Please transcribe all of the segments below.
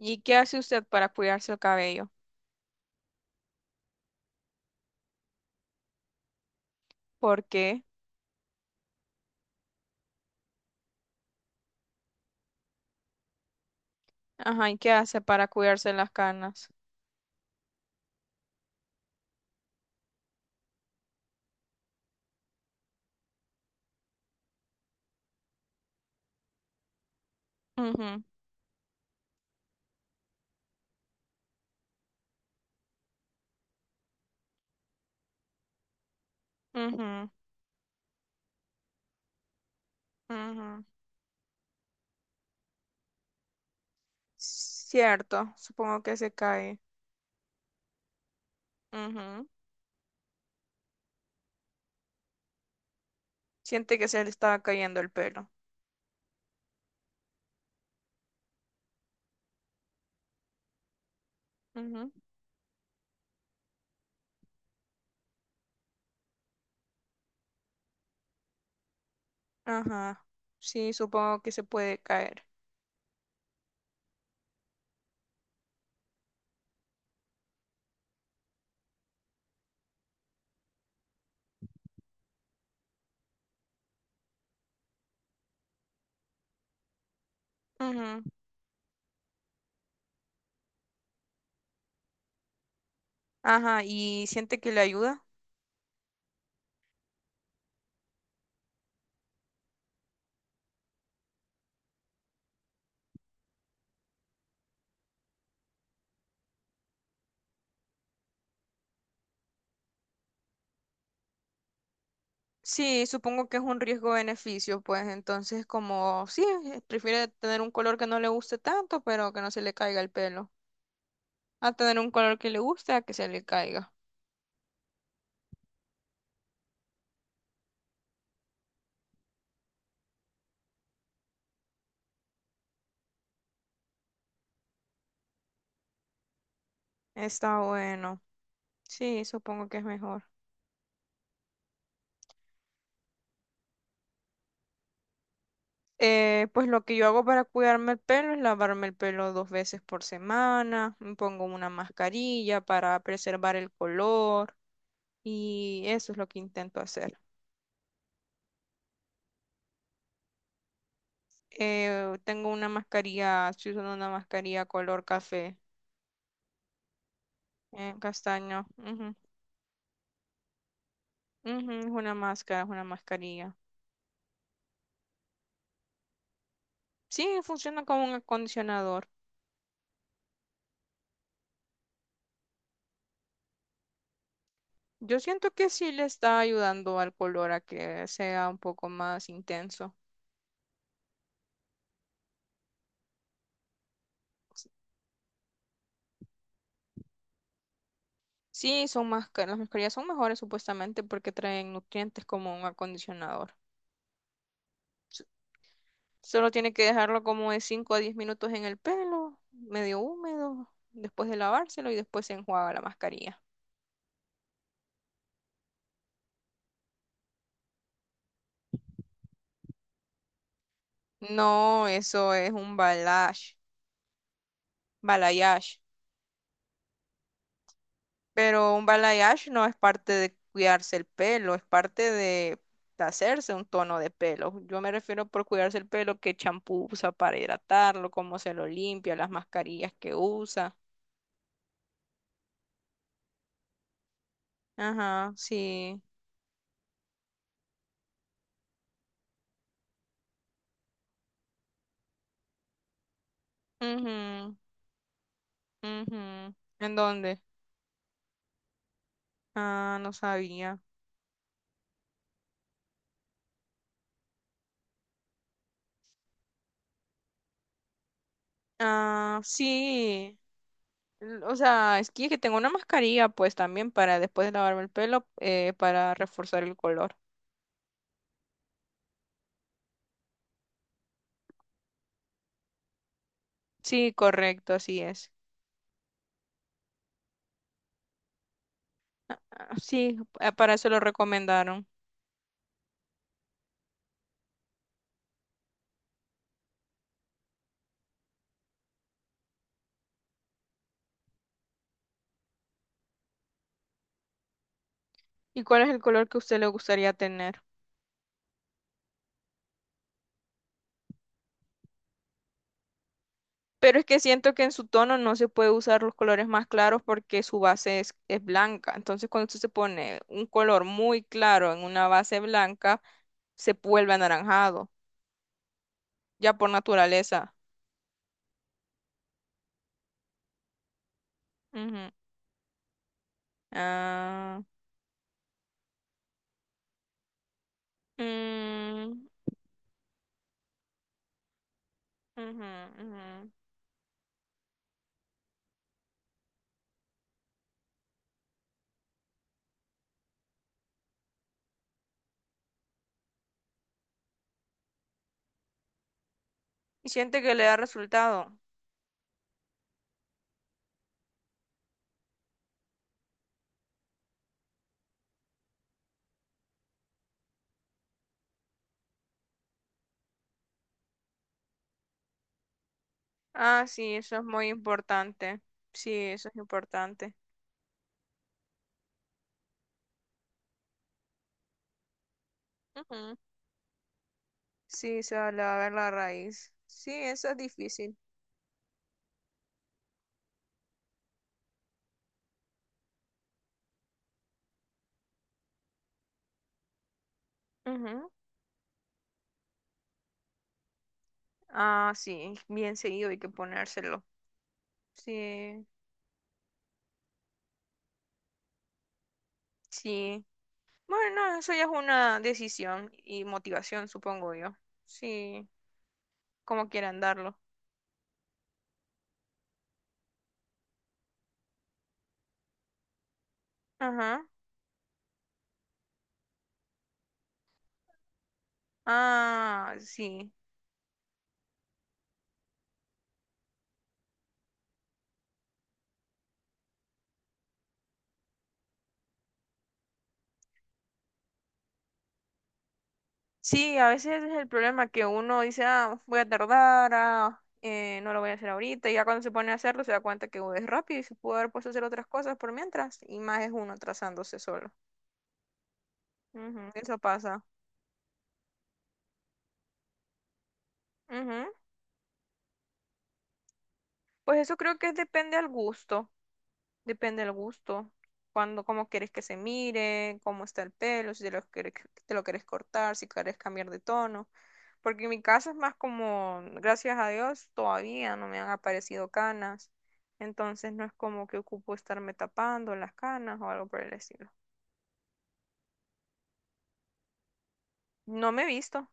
¿Y qué hace usted para cuidarse el cabello? ¿Por qué? Ajá, ¿y qué hace para cuidarse las canas? Ujú, ujú, ujú. Cierto, supongo que se cae. Ujú. Siente que se le estaba cayendo el pelo. Ujú. Ajá, sí, supongo que se puede caer. Ujú. Ajá, ¿y siente que le ayuda? Sí, supongo que es un riesgo-beneficio, pues entonces como sí, prefiere tener un color que no le guste tanto, pero que no se le caiga el pelo. A tener un color que le guste, a que se le caiga. Está bueno. Sí, supongo que es mejor. Pues lo que yo hago para cuidarme el pelo es lavarme el pelo dos veces por semana, me pongo una mascarilla para preservar el color y eso es lo que intento hacer. Tengo una mascarilla, estoy usando una mascarilla color café, castaño. Ujú, ujú, es una máscara, es una mascarilla. Sí, funciona como un acondicionador. Yo siento que sí le está ayudando al color a que sea un poco más intenso. Sí, son más, ca- las mascarillas son mejores supuestamente porque traen nutrientes como un acondicionador. S- Solo tiene que dejarlo como de 5 a 10 minutos en el pelo, medio húmedo, después de lavárselo y después se enjuaga la mascarilla. No, eso es un balayage, balayage. Pero un balayage no es parte de cuidarse el pelo, es parte de hacerse un tono de pelo. Yo me refiero por cuidarse el pelo, qué champú usa para hidratarlo, cómo se lo limpia, las mascarillas que usa. Ajá, sí. Ujú, ujú. ¿En dónde? Ah, no sabía. Ah, sí. L- O sea, es que tengo una mascarilla, pues también para después de lavarme el pelo, para reforzar el color. Sí, correcto, así es. Sí, para eso lo recomendaron. ¿Y cuál es el color que a usted le gustaría tener? Pero es que siento que en su tono no se puede usar los colores más claros porque su base es blanca. Entonces, cuando usted se pone un color muy claro en una base blanca, se vuelve anaranjado, ya por naturaleza. Ujú. Ah, mm, ujú, ujú. Y siente que le da resultado. Ah, sí, eso es muy importante. Sí, eso es importante. Sí, se va a ver la raíz. Sí, eso es difícil. Ujú. Ah, sí, bien seguido hay que ponérselo. Sí, sí. Bueno, eso ya es una decisión y motivación, supongo yo. Sí, como quieran darlo. Ajá. Ah, sí. Sí, a veces ese es el problema que uno dice, ah, voy a tardar, ah, no lo voy a hacer ahorita. Y ya cuando se pone a hacerlo se da cuenta que es rápido y se pudo haber puesto a hacer otras cosas por mientras. Y más es uno atrasándose solo. Ujú, eso pasa. Ujú. Pues eso creo que depende al gusto, cuando, cómo quieres que se mire, cómo está el pelo, si te lo quieres, te lo quieres cortar, si quieres cambiar de tono, porque en mi caso es más como, gracias a Dios, todavía no me han aparecido canas, entonces no es como que ocupo estarme tapando las canas o algo por el estilo. No me he visto.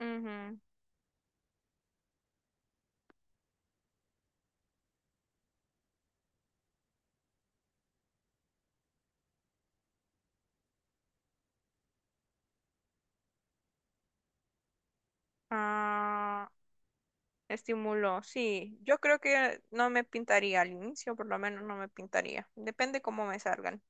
Ujú, ujú. Ah, estímulo, sí. Yo creo que no me pintaría al inicio, por lo menos no me pintaría. Depende cómo me salgan.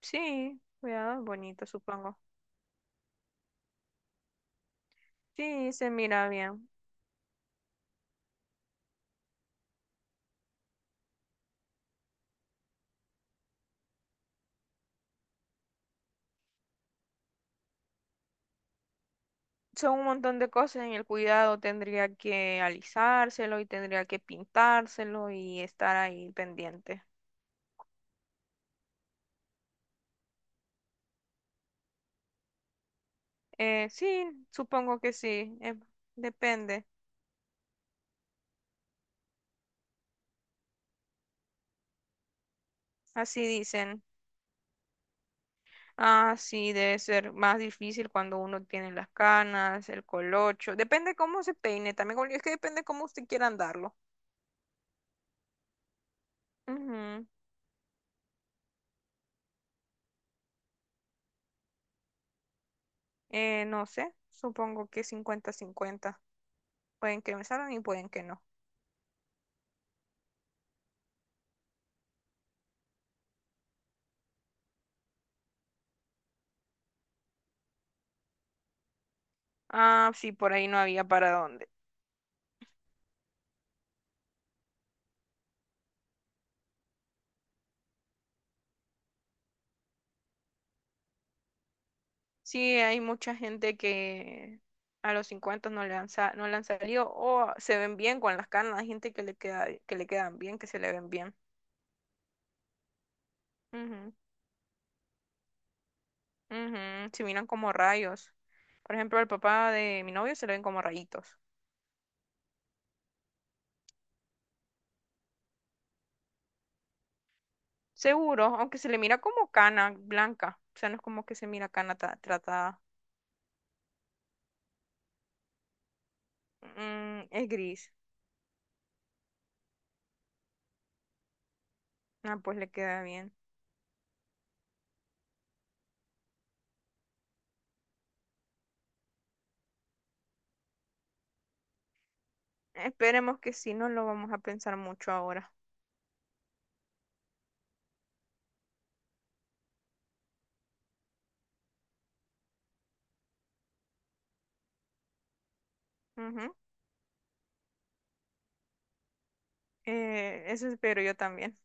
Sí, cuidado es bonito, supongo. Sí, se mira bien. Son un montón de cosas en el cuidado. Tendría que alisárselo y tendría que pintárselo y estar ahí pendiente. Sí, supongo que sí. Depende. Así dicen. Ah, sí, debe ser más difícil cuando uno tiene las canas, el colocho. Depende cómo se peine, también como- es que depende cómo usted quiera andarlo. Ujú. No sé, supongo que 50-50. Pueden que me salgan y pueden que no. Ah, sí, por ahí no había para dónde. Sí, hay mucha gente que a los 50 no le han, sa- no le han salido o se ven bien con las canas. Hay gente que le queda, que le quedan bien, que se le ven bien. Ujú. Ujú, se miran como rayos. Por ejemplo, al papá de mi novio se le ven como rayitos. Seguro, aunque se le mira como cana blanca. O sea, no es como que se mira cana ta- tratada. Mm, es gris. Ah, pues le queda bien. Esperemos que sí, no lo vamos a pensar mucho ahora. Ujú. Eso espero yo también.